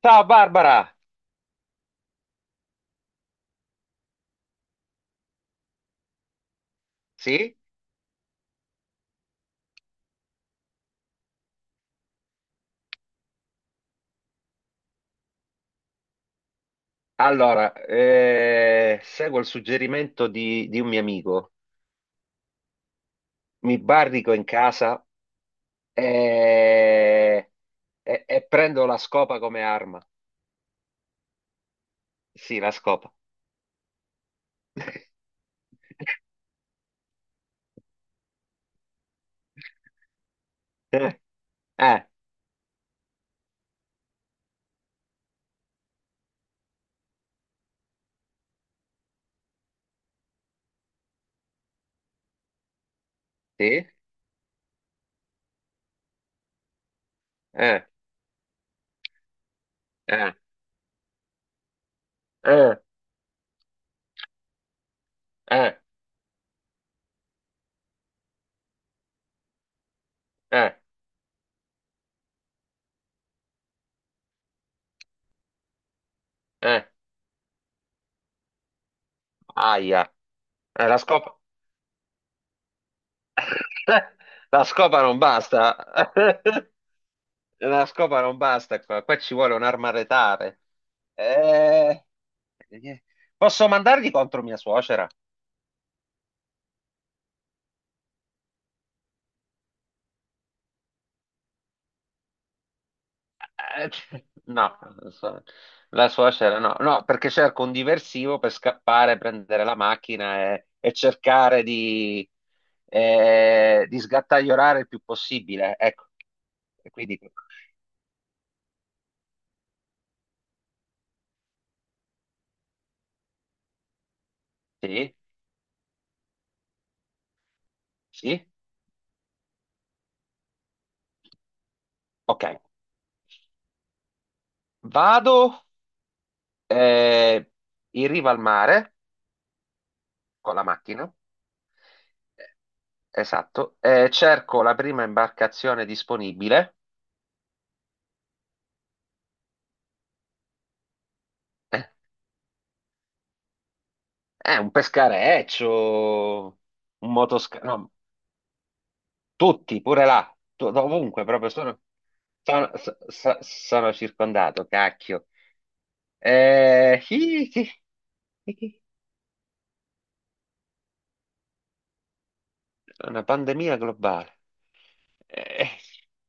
Ciao Barbara! Sì? Allora, seguo il suggerimento di un mio amico. Mi barrico in casa e, e prendo la scopa come arma. Sì, la scopa. Eh, sì? Eh, eh, eh, eh, eh, eh. Aia. La scopa... La scopa non basta. La scopa non basta qua, qua ci vuole un'arma retale. Eh, eh, Posso mandargli contro mia suocera? Cioè, no, non so. La suocera no, no, perché cerco un diversivo per scappare, prendere la macchina e cercare di sgattaiolare il più possibile. Ecco, e quindi sì, sì, ok. Vado eh, in riva al mare con la macchina. Esatto, cerco la prima imbarcazione disponibile. Eh, un pescareccio, un motoscafo, no, tutti, pure là, ovunque, proprio sono, sono, sono circondato, cacchio. Eh, chi- chi- una pandemia globale. Eh,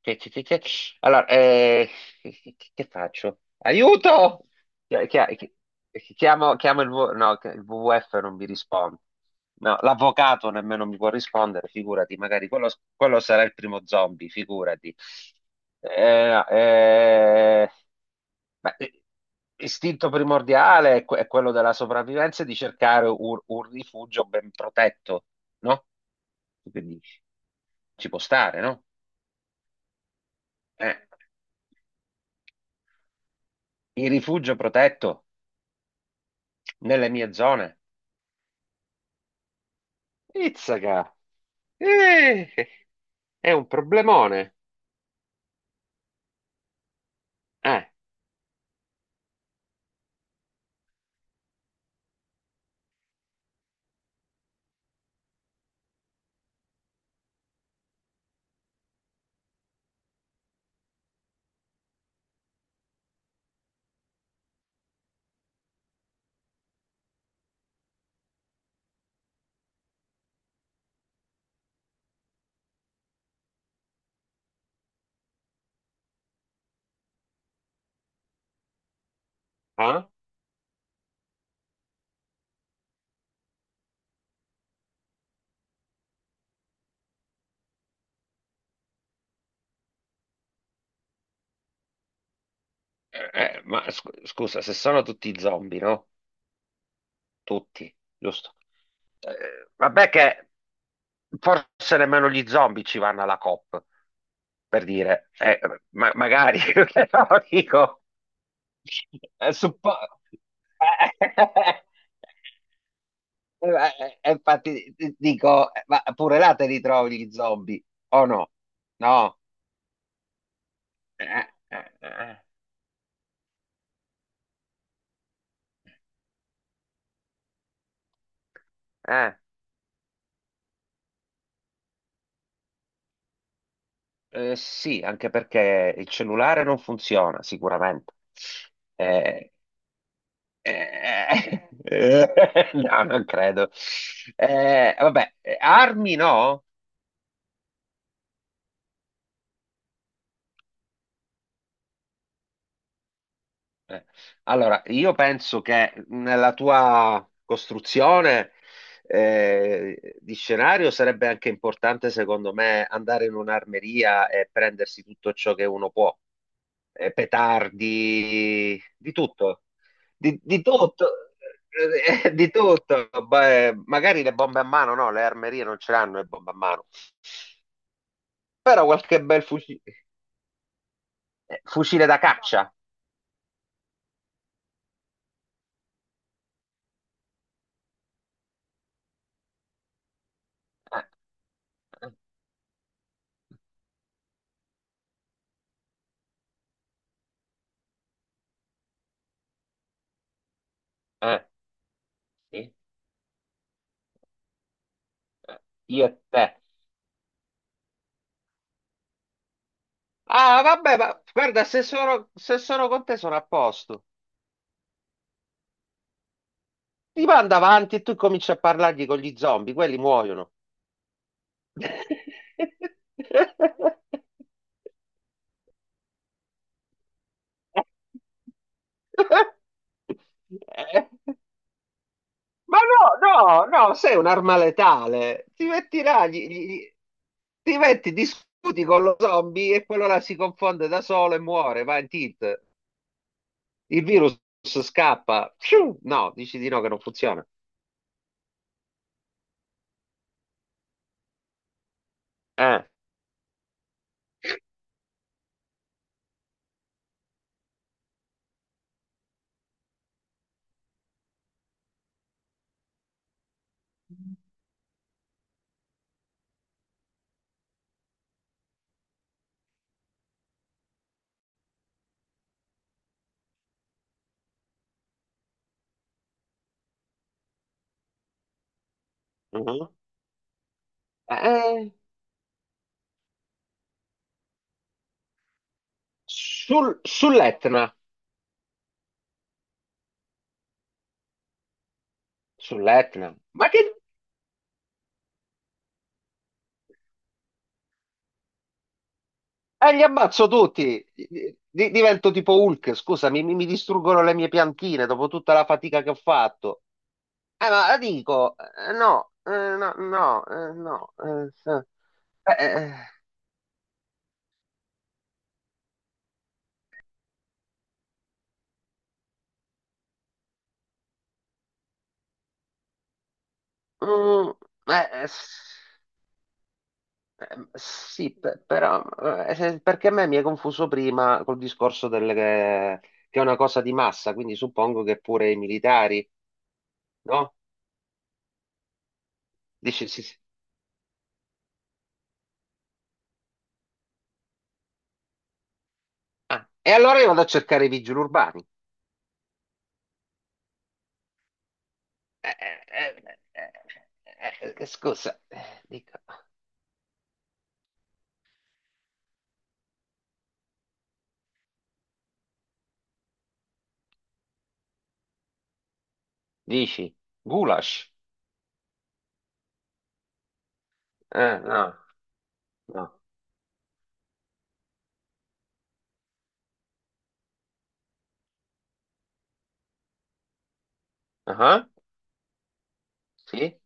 che- che- che- che- Allora, che, che faccio? Aiuto! Chi- chi- chi- Chiamo, chiamo no, che il WWF non mi risponde. No, l'avvocato nemmeno mi può rispondere, figurati, magari quello, quello sarà il primo zombie, figurati. No, ma, istinto primordiale è, è quello della sopravvivenza e di cercare un rifugio ben protetto, no? Tu che dici? Ci può stare, no? Eh, il rifugio protetto nelle mie zone. Izzaca! Eh, è un problemone. Eh, ah? Ma scusa, se sono tutti zombie, no? Tutti, giusto? Vabbè che forse nemmeno gli zombie ci vanno alla COP, per dire. Ma magari, però dico... eh, suppo- eh, infatti dico, ma pure là te li trovi gli zombie, o no? No. Eh, eh, eh, eh. Sì, anche perché il cellulare non funziona, sicuramente. Eh, no, non credo. Vabbè, armi no? Eh, allora, io penso che nella tua costruzione di scenario sarebbe anche importante, secondo me, andare in un'armeria e prendersi tutto ciò che uno può. Petardi, di tutto, di tutto. Di tutto. Beh, magari le bombe a mano, no, le armerie non ce l'hanno le bombe a mano, però qualche bel fucile da caccia. Eh, eh, eh, sì. Eh, io e te. Ah, vabbè, ma guarda, se sono con te sono a posto. Ti manda avanti e tu cominci a parlargli con gli zombie, quelli muoiono. Ma no, no, no, sei un'arma letale. Ti metti là, ti metti, discuti con lo zombie e quello là si confonde da solo e muore, va in tilt. Il virus scappa. Pfiou! No, dici di no che non funziona. Eh. Mhm. Eh, sull'Etna, sull'Etna, ma che li ammazzo tutti. Divento tipo Hulk, scusami, mi distruggono le mie piantine dopo tutta la fatica che ho fatto. Ma la dico, no, no, no, no, eh, eh, mm, eh, s- sì, però, perché a me mi hai confuso prima col discorso del, che è una cosa di massa, quindi suppongo che pure i militari. No? Dici, sì, sì. Ah, e allora io vado a cercare i vigili urbani. Eh, eh, eh, eh, scusa, dico, dici, goulash? No, no. Ah, sì,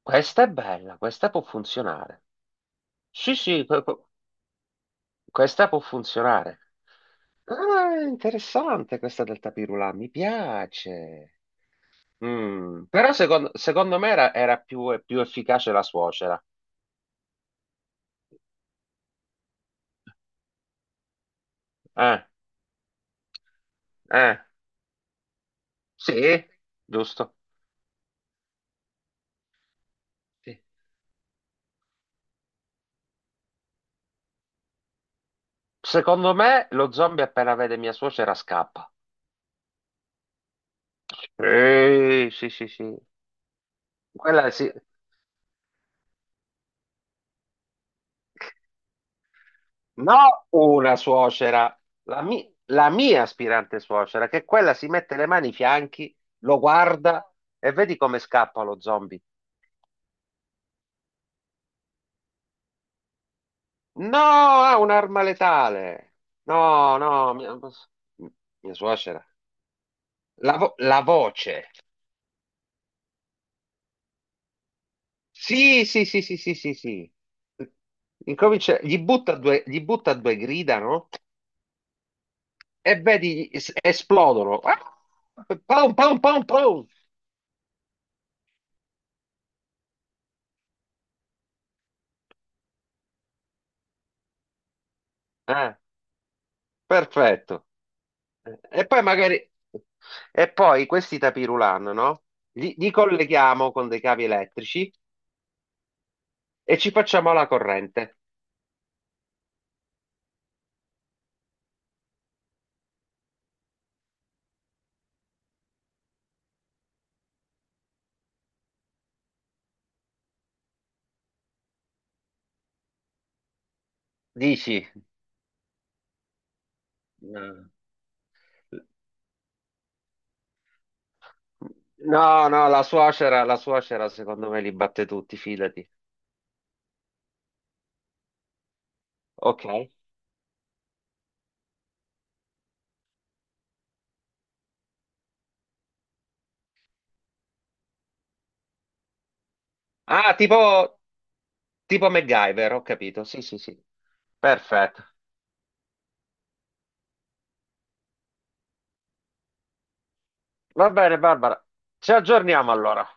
questa è bella, questa può funzionare. Sì, sì, questa può funzionare. Ah, interessante questa del tapirulà, mi piace. Mm, però secondo me era più efficace la suocera. Eh, eh, sì, giusto. Sì. Secondo me lo zombie appena vede mia suocera scappa. Sì, sì, sì, sì. Quella sì. No, una suocera, la, la mia aspirante suocera, che quella si mette le mani ai fianchi, lo guarda e vedi come scappa lo zombie. No, ha un'arma letale. No, no, mia, mia suocera. La, la voce. Sì, sì, sì, sì, sì, sì, sì. Incomincia, gli butta due grida, no? E vedi esplodono. Ah! Pom, pom, pom, pom. Eh, perfetto. E poi magari... E poi questi tapirulan, no? Li, li colleghiamo con dei cavi elettrici e ci facciamo la corrente. Dici? No, no, no, la suocera secondo me li batte tutti, fidati. Ok. Ah, tipo, tipo MacGyver, ho capito. Sì, sì, sì. Perfetto. Va bene, Barbara. Ci aggiorniamo allora.